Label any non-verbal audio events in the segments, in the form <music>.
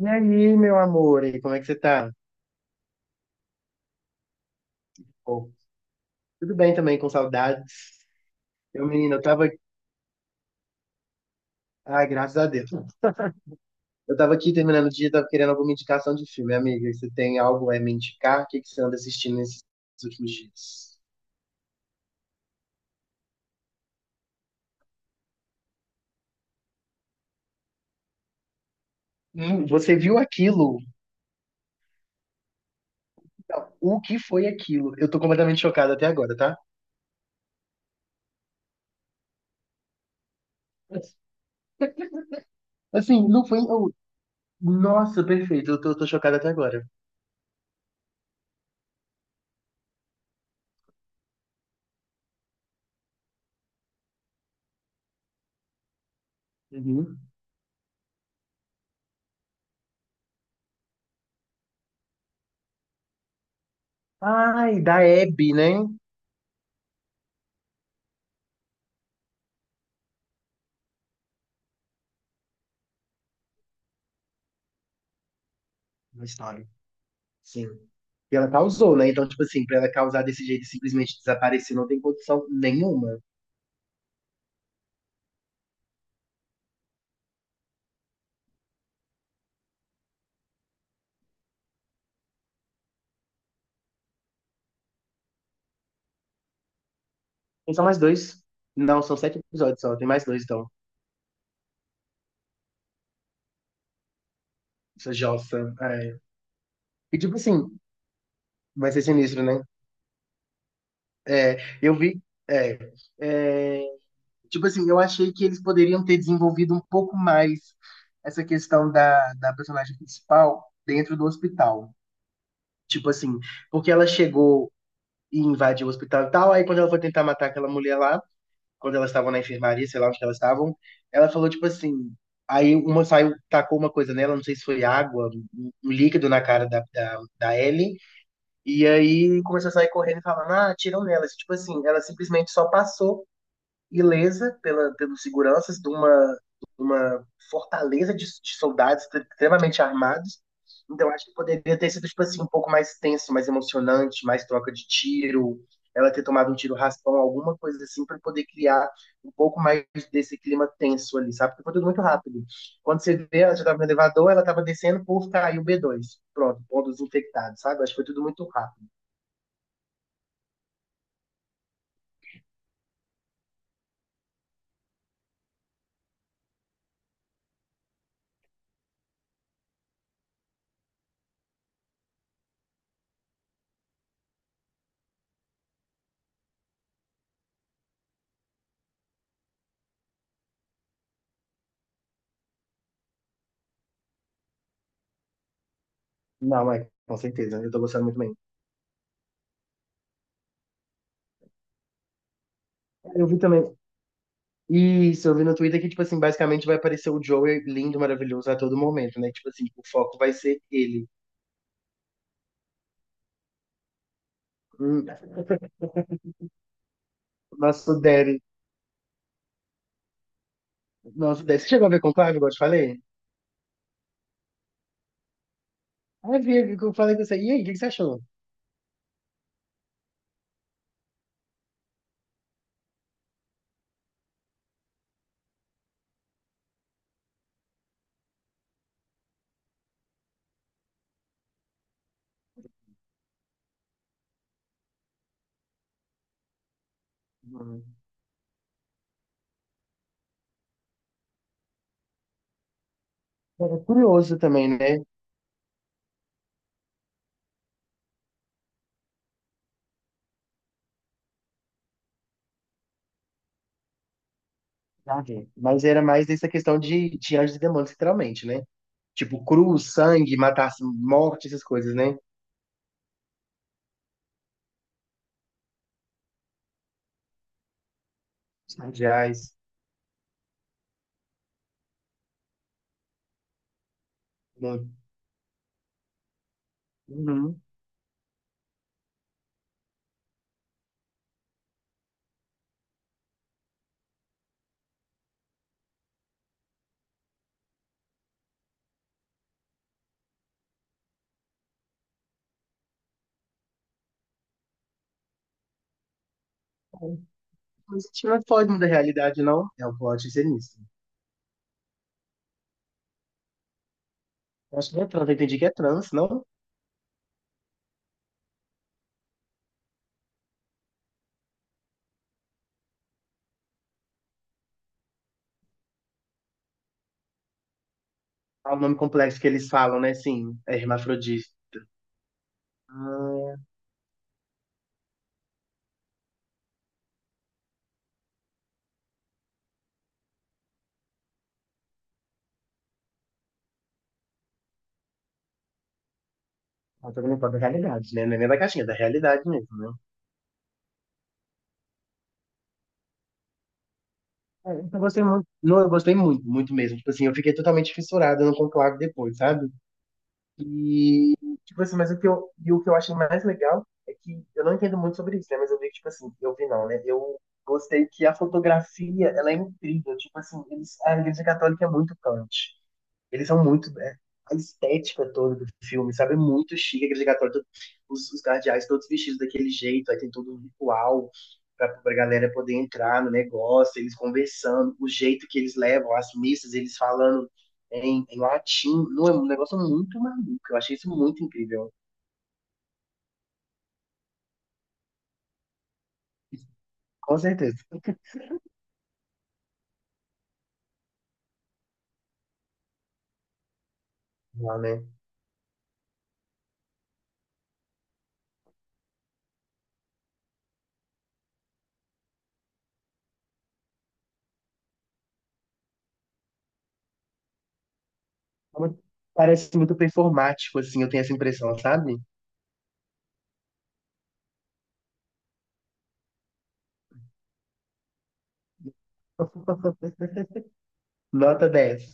E aí, meu amor, e como é que você tá? Pô, tudo bem também, com saudades. Eu, menina, eu tava. Ai, graças a Deus. Eu tava aqui terminando o dia, tava querendo alguma indicação de filme, amiga. Você tem algo a me indicar? O que que você anda assistindo nesses últimos dias? Você viu aquilo? Não, o que foi aquilo? Eu tô completamente chocado até agora, tá? Assim, não foi. Nossa, perfeito, eu tô chocado até agora. Uhum. Ai, da Abby, né? Uma história. Sim. E ela causou, né? Então, tipo assim, pra ela causar desse jeito e simplesmente desaparecer, não tem condição nenhuma. Tem só mais dois? Não, são sete episódios só, tem mais dois, então. Essa Jossa. É. E tipo assim, vai ser sinistro, né? É, eu vi. É, é, tipo assim, eu achei que eles poderiam ter desenvolvido um pouco mais essa questão da personagem principal dentro do hospital. Tipo assim, porque ela chegou e invadiu o hospital e tal, aí quando ela foi tentar matar aquela mulher lá. Quando elas estavam na enfermaria, sei lá onde que elas estavam, ela falou, tipo assim, aí uma saiu, tacou uma coisa nela, não sei se foi água, um líquido na cara da Ellie, e aí começou a sair correndo e falando, ah, atiram nela. Tipo assim, ela simplesmente só passou ilesa pelos seguranças de uma fortaleza de soldados extremamente armados. Então, acho que poderia ter sido, tipo assim, um pouco mais tenso, mais emocionante, mais troca de tiro, ela ter tomado um tiro raspão, alguma coisa assim, para poder criar um pouco mais desse clima tenso ali, sabe? Porque foi tudo muito rápido. Quando você vê, ela já estava no elevador, ela estava descendo, por caiu o b dois. Pronto, pontos infectados, sabe? Acho que foi tudo muito rápido. Não, é, com certeza, eu tô gostando muito bem. Eu vi também. Isso, eu vi no Twitter que, tipo assim, basicamente vai aparecer o Joey lindo, maravilhoso a todo momento, né? Tipo assim, o foco vai ser ele. Hum, Nosso Derry. Nosso Derry. Você chegou a ver Conclave, igual eu te falei? Ah, eu que eu falei com você. E aí, o que que você achou? Hum. Era curioso também, né? Já vi. Mas era mais essa questão de anjos e demônios, literalmente, né? Tipo, cruz, sangue, matar, morte, essas coisas, né? Sandiais. Uhum. Mas isso não é foge da realidade, não. É o plot ser nisso. Acho que é trans, eu entendi que é trans, não? Ah, o nome complexo que eles falam, né? Sim, é hermafrodita. Ah, tô falando da realidade, né? Não é nem da caixinha, é da realidade mesmo, né? É, eu gostei muito. Não, eu gostei muito, muito mesmo. Tipo assim, eu fiquei totalmente fissurada no conclave depois, sabe? Tipo assim, mas e o que eu achei mais legal é que eu não entendo muito sobre isso, né? Mas eu vi que, tipo assim, eu vi não, né? Eu gostei que a fotografia, ela é incrível. Tipo assim, eles, a Igreja Católica é muito Kant. Eles são muito. A estética toda do filme, sabe? É muito chique, aquele gatório, os guardiães todos vestidos daquele jeito, aí tem todo um ritual pra galera poder entrar no negócio, eles conversando, o jeito que eles levam as missas, eles falando em latim. Não, é um negócio muito maluco. Eu achei isso muito incrível. Com certeza. <laughs> Não, né? Parece muito performático, assim, eu tenho essa impressão, sabe? Nota dez.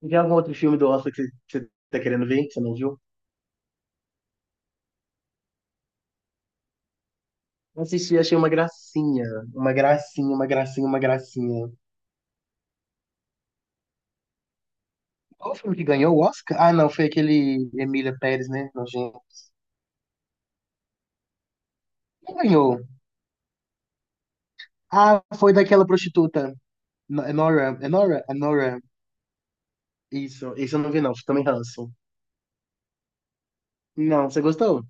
Tem algum outro filme do Oscar que você tá querendo ver, que você não viu? Assisti, achei uma gracinha. Uma gracinha, uma gracinha, uma gracinha. Qual o filme que ganhou o Oscar? Ah, não, foi aquele Emília Pérez, né? Nojento. Quem ganhou? Ah, foi daquela prostituta. Nora, é Nora? É Nora. Isso eu não vi, não. Também ranço. Não, você gostou?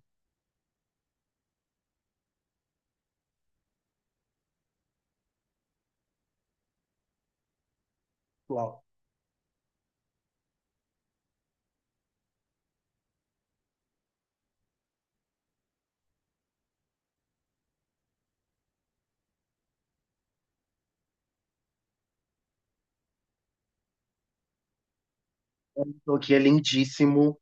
Uau. O que é lindíssimo.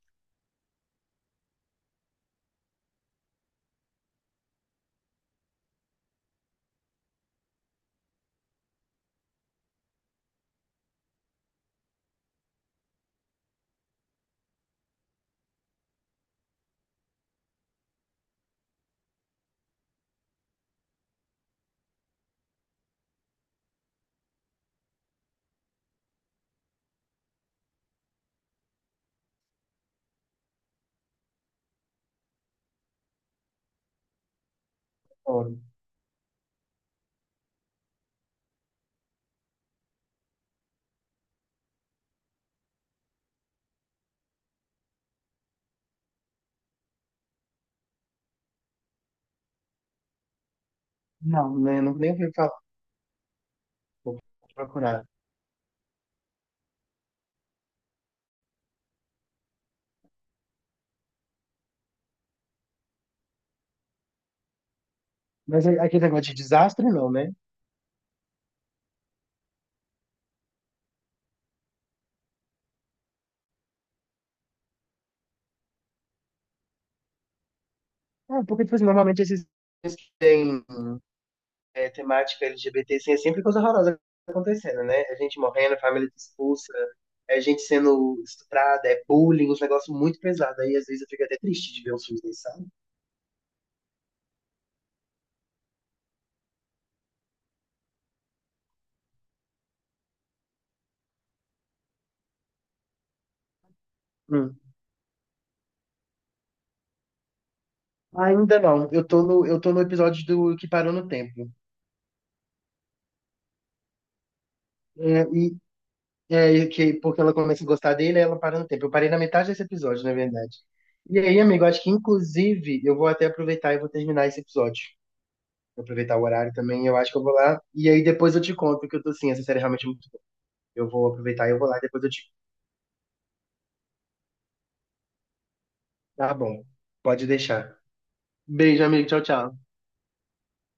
Adoro. Não, né? Não nem ouvi falar. Vou procurar. Mas é- aquele negócio de desastre, não, né? Ah, porque, tipo assim, normalmente esses filmes que tem temática LGBT, assim, é sempre coisa horrorosa acontecendo, né? É gente morrendo, família expulsa, é gente sendo estuprada, é bullying, uns negócios muito pesados. Aí às vezes eu fico até triste de ver uns filmes desses, sabe? Hum. Ainda não, eu tô no episódio do que parou no tempo. É, e é, que, porque ela começa a gostar dele, ela para no tempo. Eu parei na metade desse episódio, na verdade. E aí, amigo, acho que inclusive eu vou até aproveitar e vou terminar esse episódio. Vou aproveitar o horário também, eu acho que eu vou lá. E aí depois eu te conto que eu tô assim, essa série é realmente muito. Eu vou aproveitar e eu vou lá e depois eu te. Tá bom, pode deixar. Beijo, amigo. Tchau, tchau.